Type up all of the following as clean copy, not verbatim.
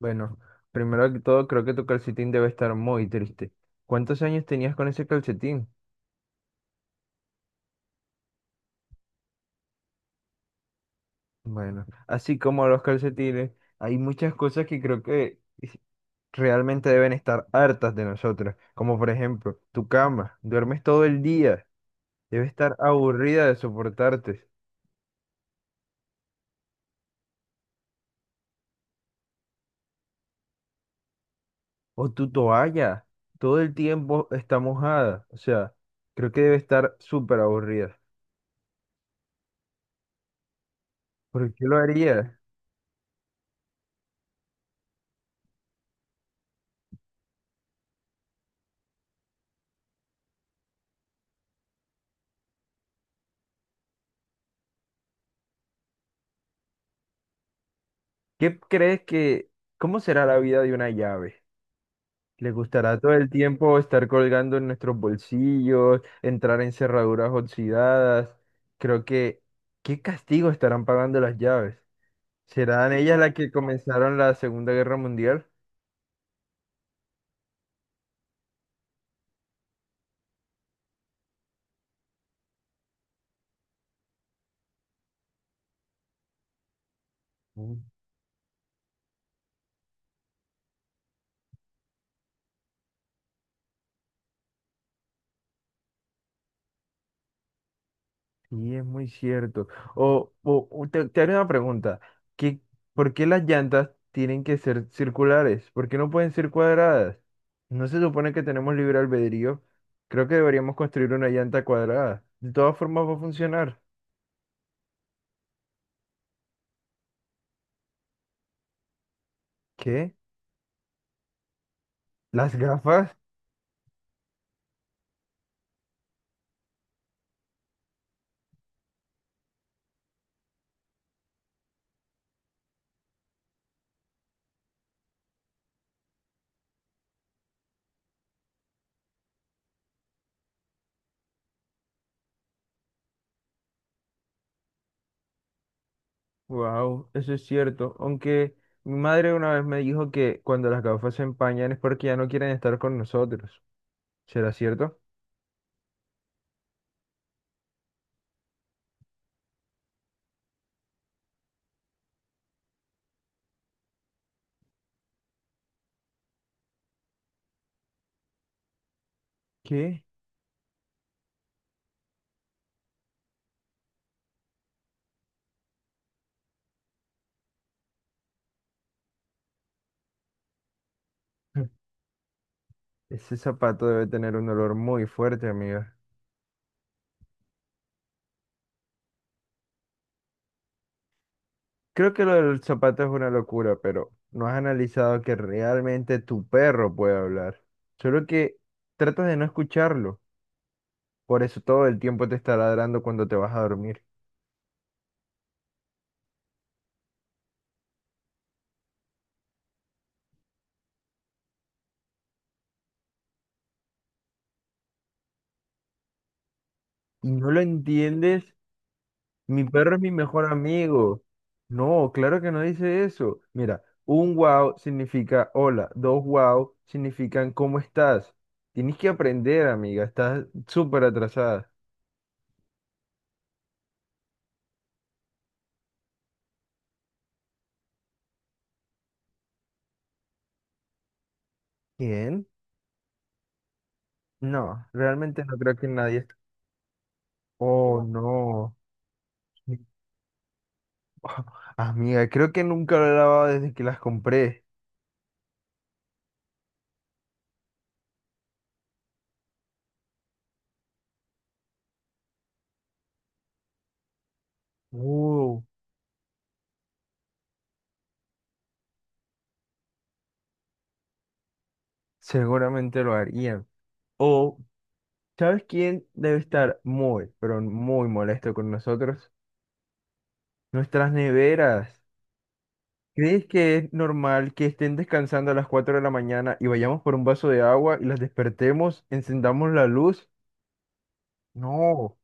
Bueno, primero que todo, creo que tu calcetín debe estar muy triste. ¿Cuántos años tenías con ese calcetín? Bueno, así como los calcetines, hay muchas cosas que creo que realmente deben estar hartas de nosotros. Como por ejemplo, tu cama. Duermes todo el día. Debe estar aburrida de soportarte. O tu toalla. Todo el tiempo está mojada. O sea, creo que debe estar súper aburrida. ¿Por qué lo harías? ¿Qué crees que... ¿Cómo será la vida de una llave? ¿Le gustará todo el tiempo estar colgando en nuestros bolsillos, entrar en cerraduras oxidadas? Creo que, ¿qué castigo estarán pagando las llaves? ¿Serán ellas las que comenzaron la Segunda Guerra Mundial? Mm, Sí, es muy cierto. Te haré una pregunta. ¿Qué, ¿por qué las llantas tienen que ser circulares? ¿Por qué no pueden ser cuadradas? ¿No se supone que tenemos libre albedrío? Creo que deberíamos construir una llanta cuadrada. De todas formas va a funcionar. ¿Qué? Las gafas, wow, eso es cierto. Aunque mi madre una vez me dijo que cuando las gafas se empañan es porque ya no quieren estar con nosotros. ¿Será cierto? ¿Qué? Ese zapato debe tener un olor muy fuerte, amiga. Creo que lo del zapato es una locura, pero no has analizado que realmente tu perro puede hablar. Solo que tratas de no escucharlo. Por eso todo el tiempo te está ladrando cuando te vas a dormir. Y no lo entiendes. Mi perro es mi mejor amigo. No, claro que no dice eso. Mira, un wow significa hola, dos wow significan cómo estás. Tienes que aprender, amiga, estás súper atrasada. ¿Quién? No, realmente no creo que nadie. Oh, no. Mi- Amiga, creo que nunca lo he lavado desde que las compré. Uh, seguramente lo harían. O, ¿sabes quién debe estar muy, pero muy molesto con nosotros? Nuestras neveras. ¿Crees que es normal que estén descansando a las 4 de la mañana y vayamos por un vaso de agua y las despertemos, encendamos la luz? No.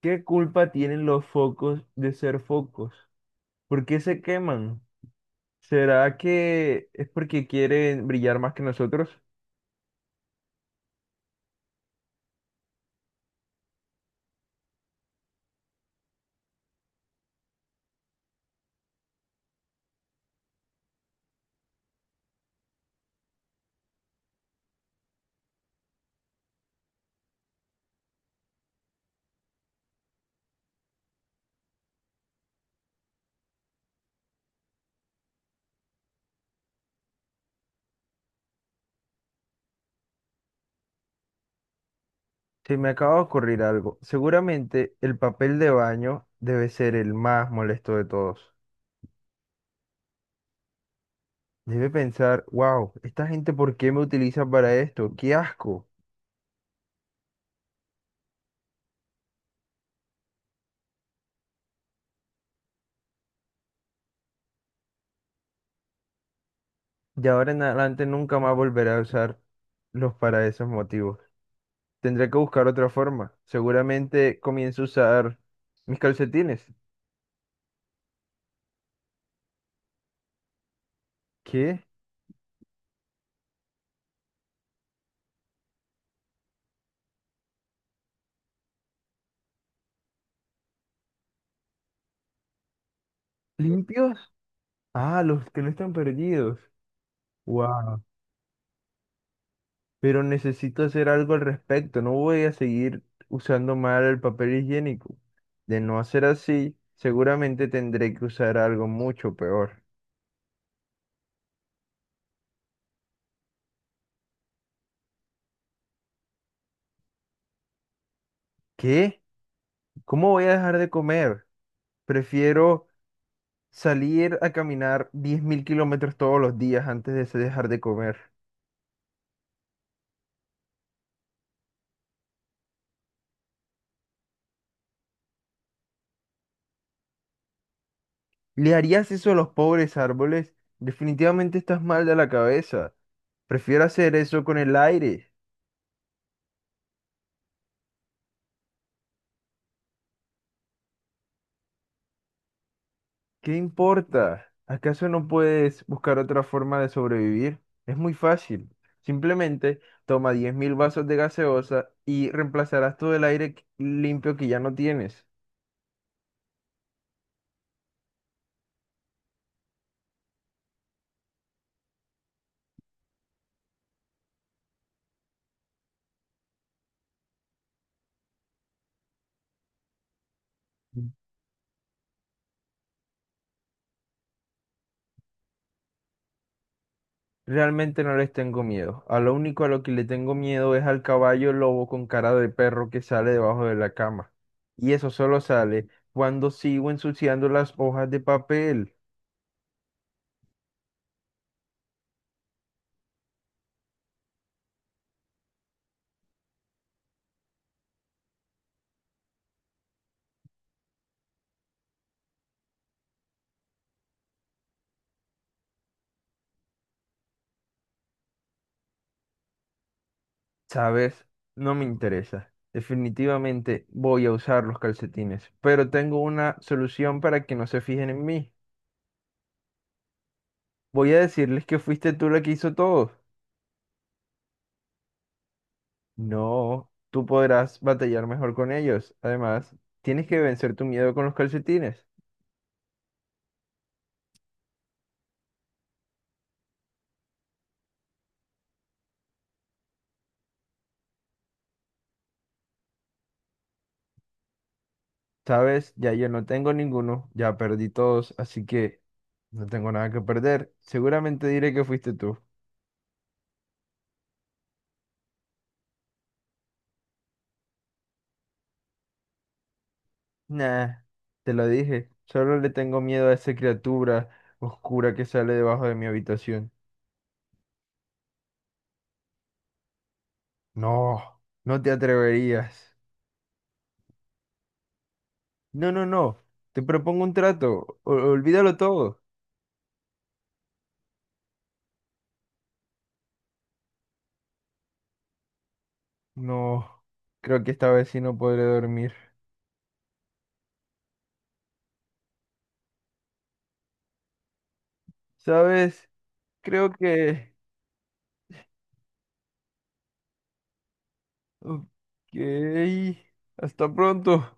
¿Qué culpa tienen los focos de ser focos? ¿Por qué se queman? ¿Será que es porque quieren brillar más que nosotros? Se me acaba de ocurrir algo. Seguramente el papel de baño debe ser el más molesto de todos. Debe pensar, wow, ¿esta gente por qué me utiliza para esto? ¡Qué asco! Y ahora en adelante nunca más volveré a usarlos para esos motivos. Tendré que buscar otra forma. Seguramente comienzo a usar mis calcetines. ¿Qué? ¿Limpios? Ah, los que no están perdidos. Wow. Pero necesito hacer algo al respecto. No voy a seguir usando mal el papel higiénico. De no hacer así, seguramente tendré que usar algo mucho peor. ¿Qué? ¿Cómo voy a dejar de comer? Prefiero salir a caminar 10.000 kilómetros todos los días antes de dejar de comer. ¿Le harías eso a los pobres árboles? Definitivamente estás mal de la cabeza. Prefiero hacer eso con el aire. ¿Qué importa? ¿Acaso no puedes buscar otra forma de sobrevivir? Es muy fácil. Simplemente toma 10.000 vasos de gaseosa y reemplazarás todo el limpio que ya no tienes. Realmente no les tengo miedo. A lo único a lo que le tengo miedo es al caballo lobo con cara de perro que sale debajo de la cama. Y eso solo sale cuando sigo ensuciando las hojas de papel. ¿Sabes? No me interesa. Definitivamente voy a usar los calcetines. Pero tengo una solución para que no se fijen en mí. Voy a decirles que fuiste tú la que hizo todo. No, tú podrás batallar mejor con ellos. Además, tienes que vencer tu miedo con los calcetines. Sabes, ya yo no tengo ninguno, ya perdí todos, así que no tengo nada que perder. Seguramente diré que fuiste tú. Nah, te lo dije, solo le tengo miedo a esa criatura oscura que sale debajo de mi habitación. No, no te atreverías. No, no, no, te propongo un trato, olvídalo todo. No, creo que esta vez sí no podré dormir. Sabes, creo que... Ok, hasta pronto.